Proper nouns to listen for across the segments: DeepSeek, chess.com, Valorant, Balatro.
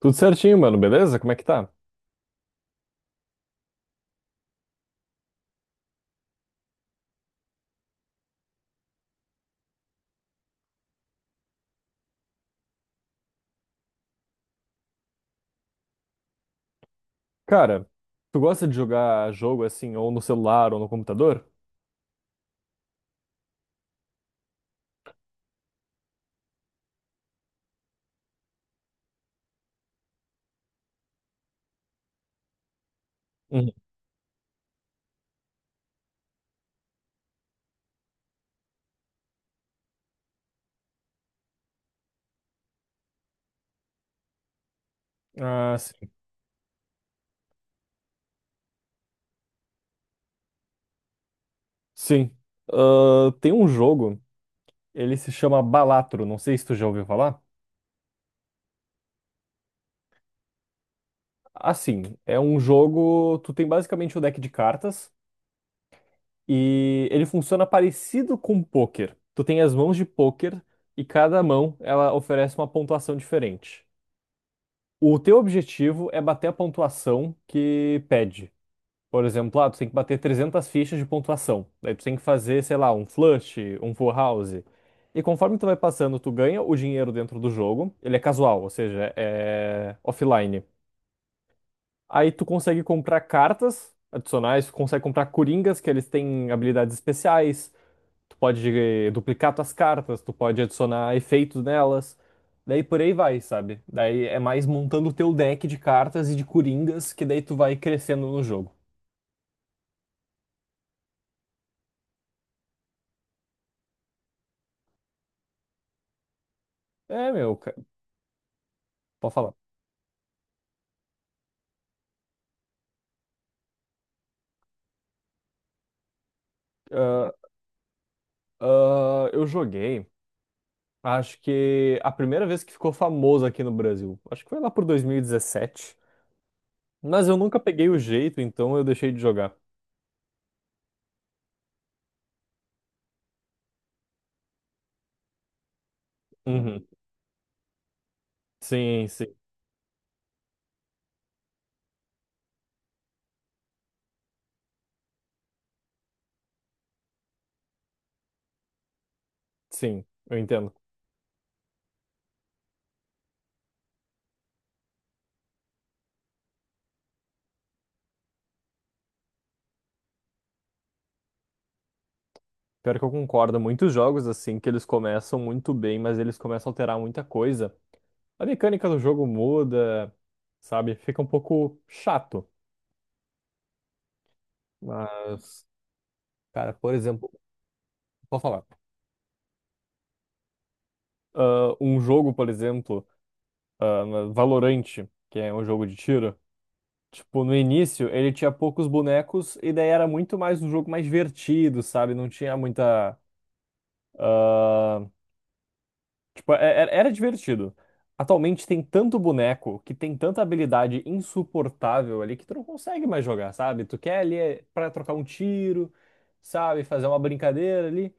Tudo certinho, mano, beleza? Como é que tá? Cara, tu gosta de jogar jogo assim, ou no celular ou no computador? Uhum. Ah, sim. Sim. Ah, tem um jogo, ele se chama Balatro, não sei se tu já ouviu falar. Assim, é um jogo. Tu tem basicamente o deck de cartas e ele funciona parecido com pôquer. Tu tem as mãos de pôquer e cada mão ela oferece uma pontuação diferente. O teu objetivo é bater a pontuação que pede. Por exemplo, ah, tu tem que bater 300 fichas de pontuação. Daí tu tem que fazer, sei lá, um flush, um full house. E conforme tu vai passando, tu ganha o dinheiro dentro do jogo. Ele é casual, ou seja, é offline. Aí tu consegue comprar cartas adicionais, tu consegue comprar coringas, que eles têm habilidades especiais. Tu pode duplicar tuas cartas, tu pode adicionar efeitos nelas. Daí por aí vai, sabe? Daí é mais montando o teu deck de cartas e de coringas que daí tu vai crescendo no jogo. É, meu, pode falar. Ah, ah, eu joguei, acho que a primeira vez que ficou famoso aqui no Brasil. Acho que foi lá por 2017. Mas eu nunca peguei o jeito, então eu deixei de jogar. Uhum. Sim, sim. Sim, eu entendo. Pior que eu concordo, muitos jogos assim que eles começam muito bem, mas eles começam a alterar muita coisa. A mecânica do jogo muda, sabe? Fica um pouco chato. Mas, cara, por exemplo, vou falar. Ah, um jogo, por exemplo, ah, Valorant, que é um jogo de tiro, tipo, no início ele tinha poucos bonecos e daí era muito mais um jogo mais divertido, sabe? Não tinha muita. ah, Tipo, era divertido. Atualmente tem tanto boneco que tem tanta habilidade insuportável ali que tu não consegue mais jogar, sabe? Tu quer ali é, pra trocar um tiro, sabe? Fazer uma brincadeira ali.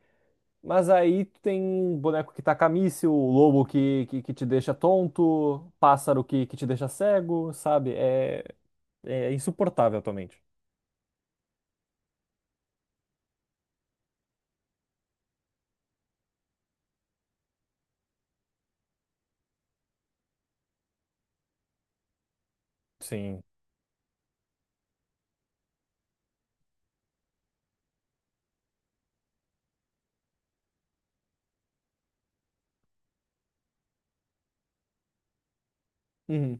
Mas aí tu tem um boneco que taca míssil, o lobo que te deixa tonto, pássaro que te deixa cego, sabe? É, é insuportável atualmente. Sim. Uhum.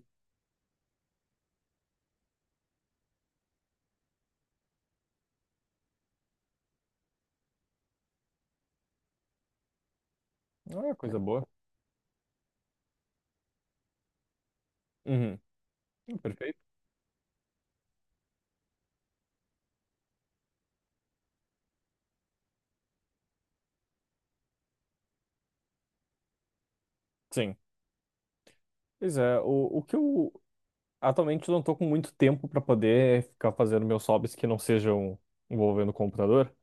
Não é coisa boa. Uhum. Perfeito. Sim. Pois é. O que eu Atualmente eu não estou com muito tempo para poder ficar fazendo meus hobbies que não sejam envolvendo o computador,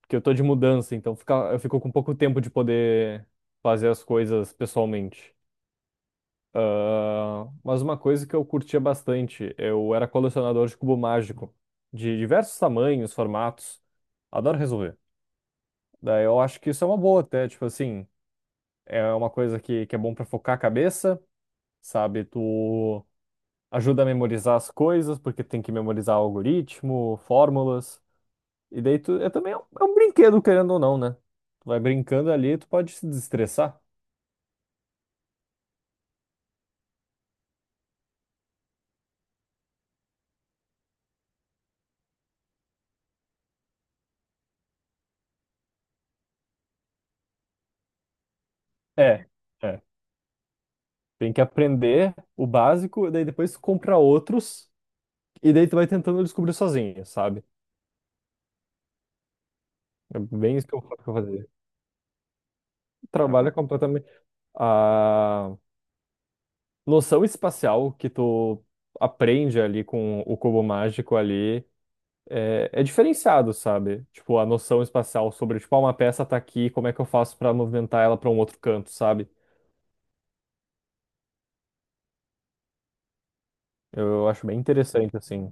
porque eu estou de mudança, então fica, eu fico com pouco tempo de poder fazer as coisas pessoalmente. Ah, mas uma coisa que eu curtia bastante, eu era colecionador de cubo mágico, de diversos tamanhos, formatos. Adoro resolver. Daí eu acho que isso é uma boa até, tipo assim, é uma coisa que é bom para focar a cabeça, sabe? Tu ajuda a memorizar as coisas, porque tem que memorizar algoritmo, fórmulas. E daí tu, é também é um brinquedo, querendo ou não, né? Tu vai brincando ali, tu pode se desestressar. É, é. Tem que aprender o básico, e daí depois tu compra outros, e daí tu vai tentando descobrir sozinho, sabe? É bem isso que eu fazia. Trabalha completamente. ah, noção espacial que tu aprende ali com o cubo mágico ali é, é diferenciado, sabe? Tipo, a noção espacial sobre, tipo, uma peça tá aqui, como é que eu faço pra movimentar ela pra um outro canto, sabe? Eu acho bem interessante, assim.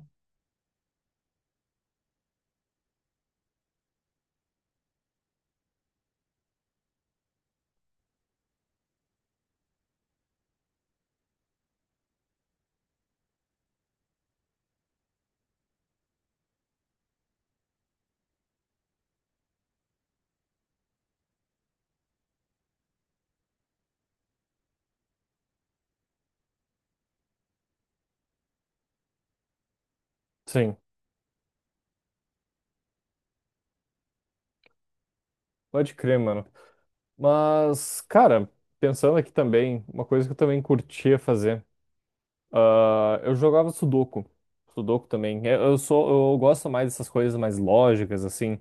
Sim, pode crer, mano. Mas, cara, pensando aqui também, uma coisa que eu também curtia fazer, eu jogava Sudoku. Sudoku também. Eu sou, eu gosto mais dessas coisas mais lógicas, assim.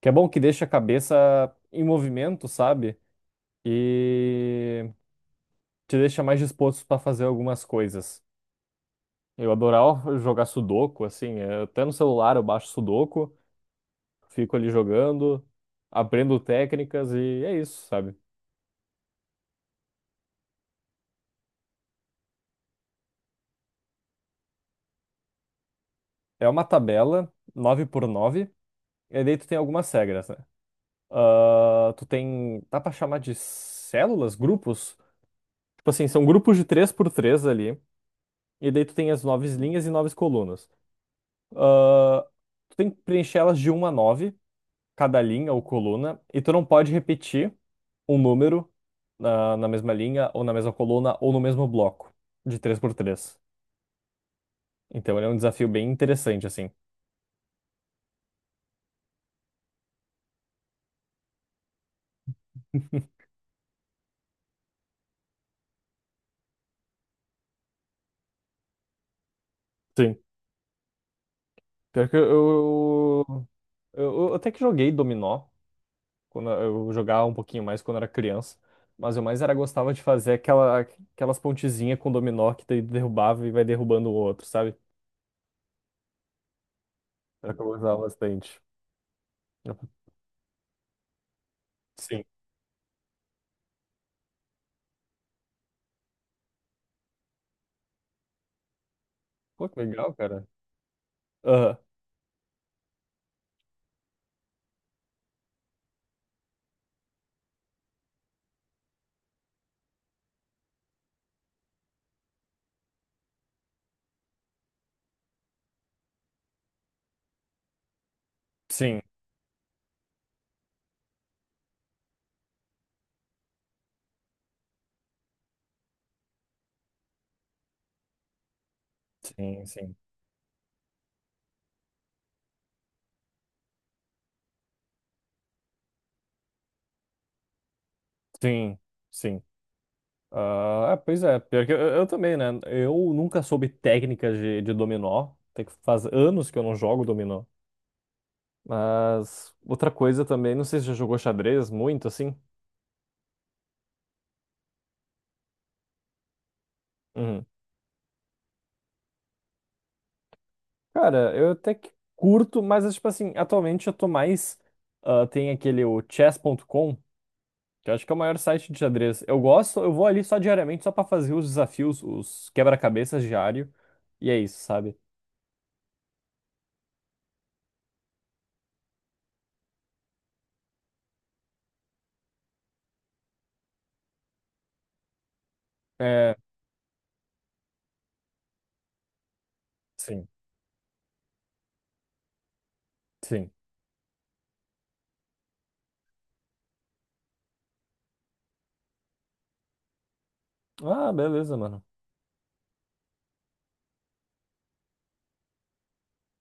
Que é bom que deixa a cabeça em movimento, sabe? E te deixa mais disposto para fazer algumas coisas. Eu adorava jogar Sudoku, assim, até no celular eu baixo Sudoku, fico ali jogando, aprendo técnicas e é isso, sabe? É uma tabela nove por nove e daí tu tem algumas regras, né? Ah, tu tem, dá pra chamar de células, grupos? Tipo assim, são grupos de 3 por 3 ali, e daí tu tem as nove linhas e nove colunas. Ah, tu tem que preencher elas de uma a 9, cada linha ou coluna, e tu não pode repetir um número na mesma linha, ou na mesma coluna, ou no mesmo bloco, de três por três. Então ele é um desafio bem interessante, assim. Sim. Pior que eu, eu até que joguei dominó, quando eu jogava um pouquinho mais quando era criança, mas eu mais era gostava de fazer aquela, aquelas pontezinhas com dominó que daí derrubava e vai derrubando o outro, sabe? Era o que eu gostava bastante. Sim. Pô, que legal, cara. Aham. Sim, sim, sim. Sim, sim. É, pois é, pior que eu também, né? Eu nunca soube técnicas de dominó. Tem que faz anos que eu não jogo dominó. Mas outra coisa também, não sei se já jogou xadrez muito assim. Uhum. Cara, eu até que curto, mas é tipo assim, atualmente eu tô mais. Tem aquele o chess.com, que eu acho que é o maior site de xadrez. Eu gosto, eu vou ali só diariamente, só pra fazer os desafios, os quebra-cabeças diário. E é isso, sabe? É, sim, sim. Ah, beleza, mano.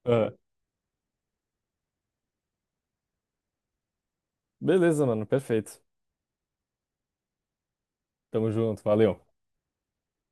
Ah, beleza, mano, perfeito. Tamo junto, valeu.